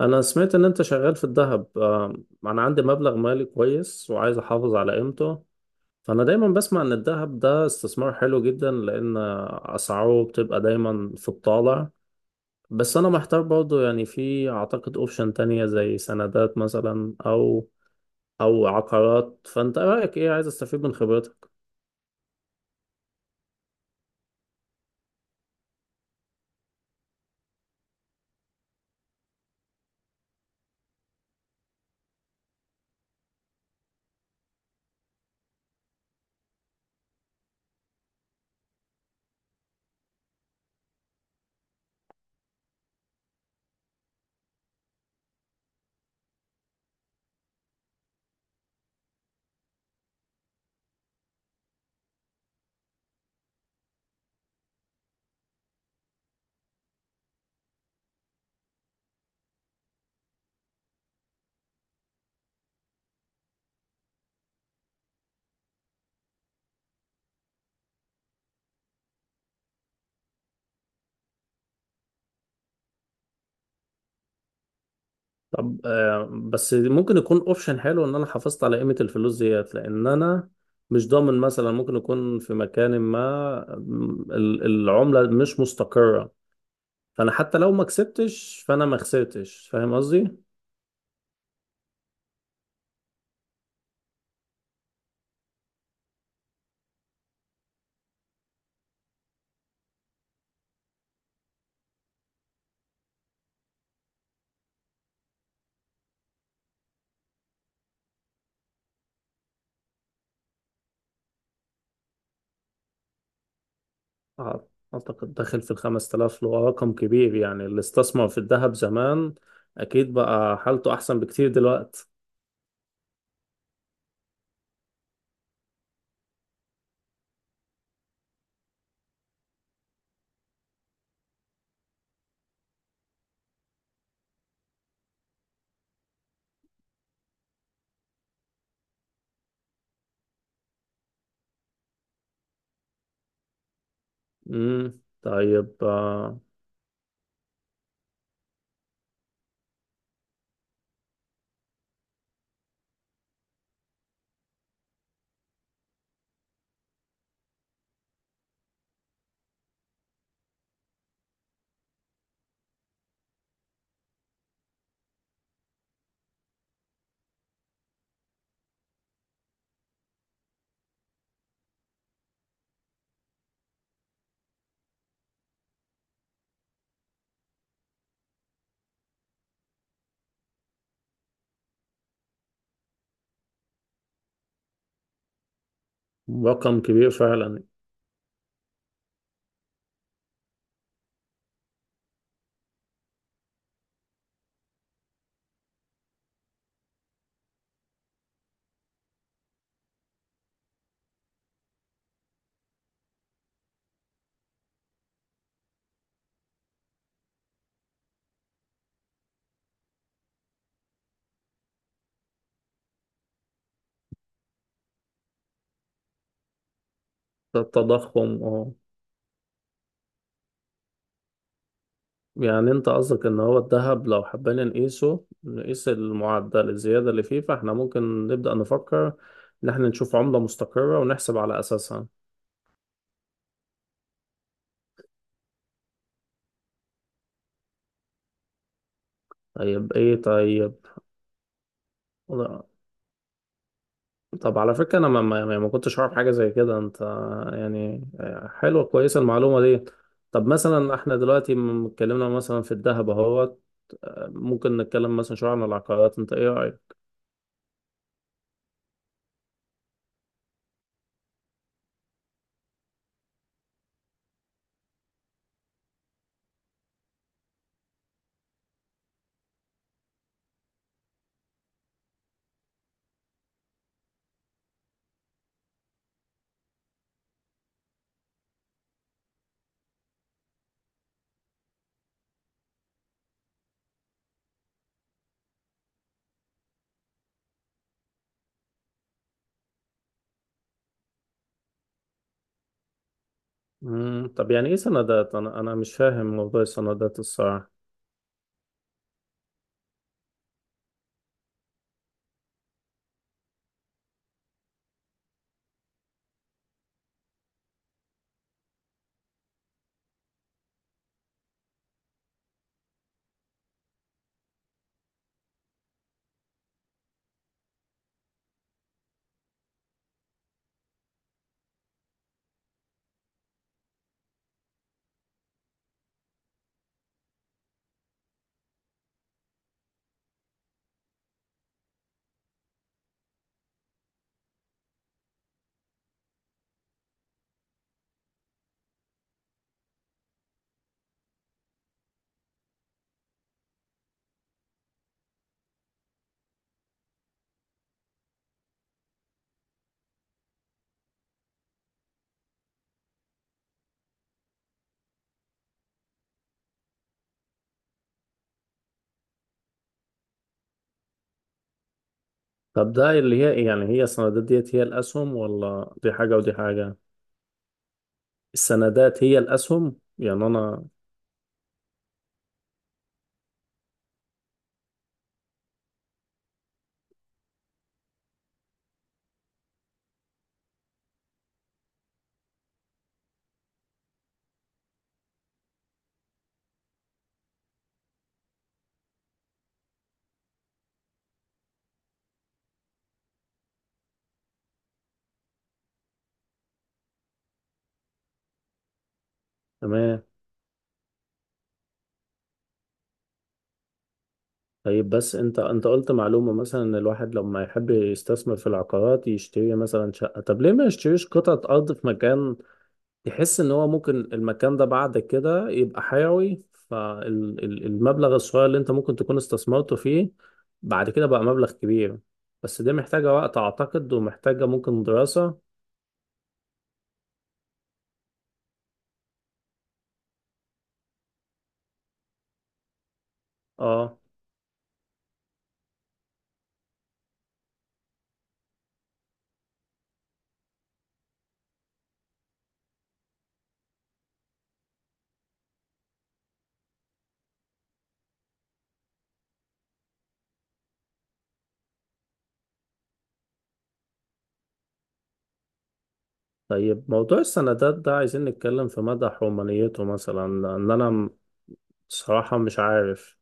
انا سمعت ان انت شغال في الذهب. انا عندي مبلغ مالي كويس وعايز احافظ على قيمته. فانا دايما بسمع ان الذهب ده استثمار حلو جدا لان اسعاره بتبقى دايما في الطالع. بس انا محتار برضو، يعني في اعتقد اوبشن تانية زي سندات مثلا او عقارات. فانت رايك ايه؟ عايز استفيد من خبرتك. طب بس ممكن يكون اوبشن حلو ان انا حافظت على قيمة الفلوس ديت، لان انا مش ضامن. مثلا ممكن يكون في مكان ما العملة مش مستقرة، فانا حتى لو ما كسبتش فانا ما خسرتش. فاهم قصدي؟ أع- اعتقد داخل في الخمس تلاف، اللي هو رقم كبير. يعني اللي استثمر في الذهب زمان اكيد بقى حالته احسن بكتير دلوقتي. طيب. رقم كبير فعلا. التضخم، اه. يعني انت قصدك ان هو الذهب لو حبينا نقيسه نقيس المعدل الزيادة اللي فيه، فاحنا ممكن نبدأ نفكر ان احنا نشوف عملة مستقرة ونحسب على اساسها. طيب، ايه؟ طيب. طب على فكرة انا ما, ما, يعني ما كنتش اعرف حاجة زي كده. انت يعني حلوة كويسة المعلومة دي. طب مثلا احنا دلوقتي اتكلمنا مثلا في الذهب اهوت، ممكن نتكلم مثلا شوية عن العقارات. انت ايه رأيك؟ طب يعني ايه سندات؟ انا مش فاهم موضوع السندات الصراحة. طب ده اللي هي إيه؟ يعني هي السندات ديت هي الأسهم، ولا دي حاجة ودي حاجة؟ السندات هي الأسهم يعني أنا… تمام. طيب، بس أنت قلت معلومة مثلا إن الواحد لما يحب يستثمر في العقارات يشتري مثلا شقة. طب ليه ما يشتريش قطعة أرض في مكان يحس إن هو ممكن المكان ده بعد كده يبقى حيوي، فالمبلغ الصغير اللي أنت ممكن تكون استثمرته فيه بعد كده بقى مبلغ كبير؟ بس دي محتاجة وقت أعتقد، ومحتاجة ممكن دراسة. اه. طيب، موضوع السندات ده عايزين نتكلم في مدى حرمانيته مثلا، لأن أنا صراحة مش عارف.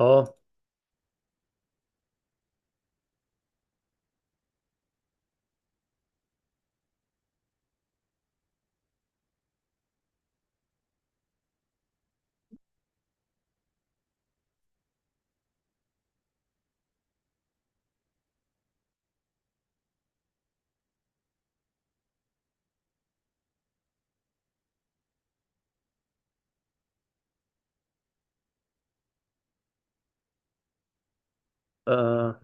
آه، آه.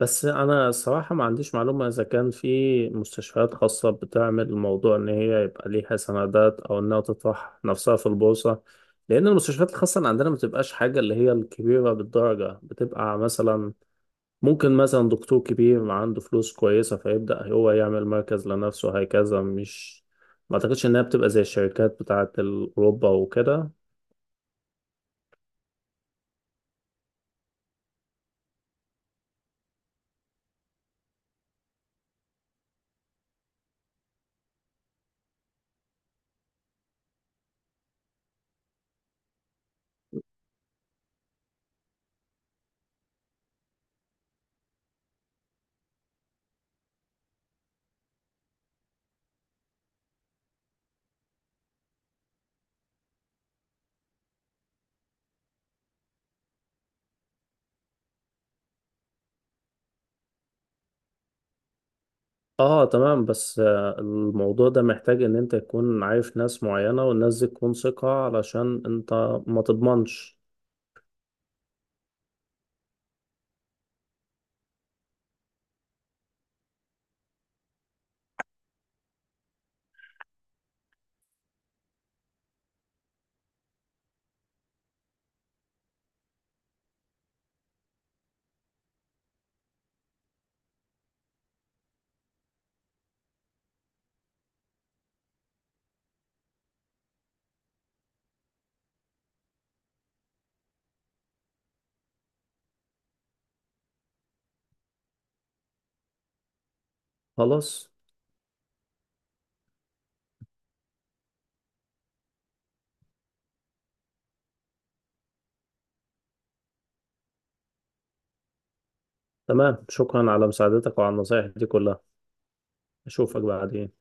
بس أنا صراحة ما عنديش معلومة إذا كان في مستشفيات خاصة بتعمل الموضوع إن هي يبقى ليها سندات أو إنها تطرح نفسها في البورصة، لأن المستشفيات الخاصة اللي عندنا ما بتبقاش حاجة اللي هي الكبيرة بالدرجة. بتبقى مثلا ممكن مثلا دكتور كبير عنده فلوس كويسة فيبدأ هو يعمل مركز لنفسه، هكذا. مش ما اعتقدش انها بتبقى زي الشركات بتاعة اوروبا وكده. اه تمام. بس الموضوع ده محتاج ان انت تكون عارف ناس معينة، والناس دي تكون ثقة علشان انت ما تضمنش. خلاص، تمام. شكرا على مساعدتك وعلى النصايح دي كلها. اشوفك بعدين.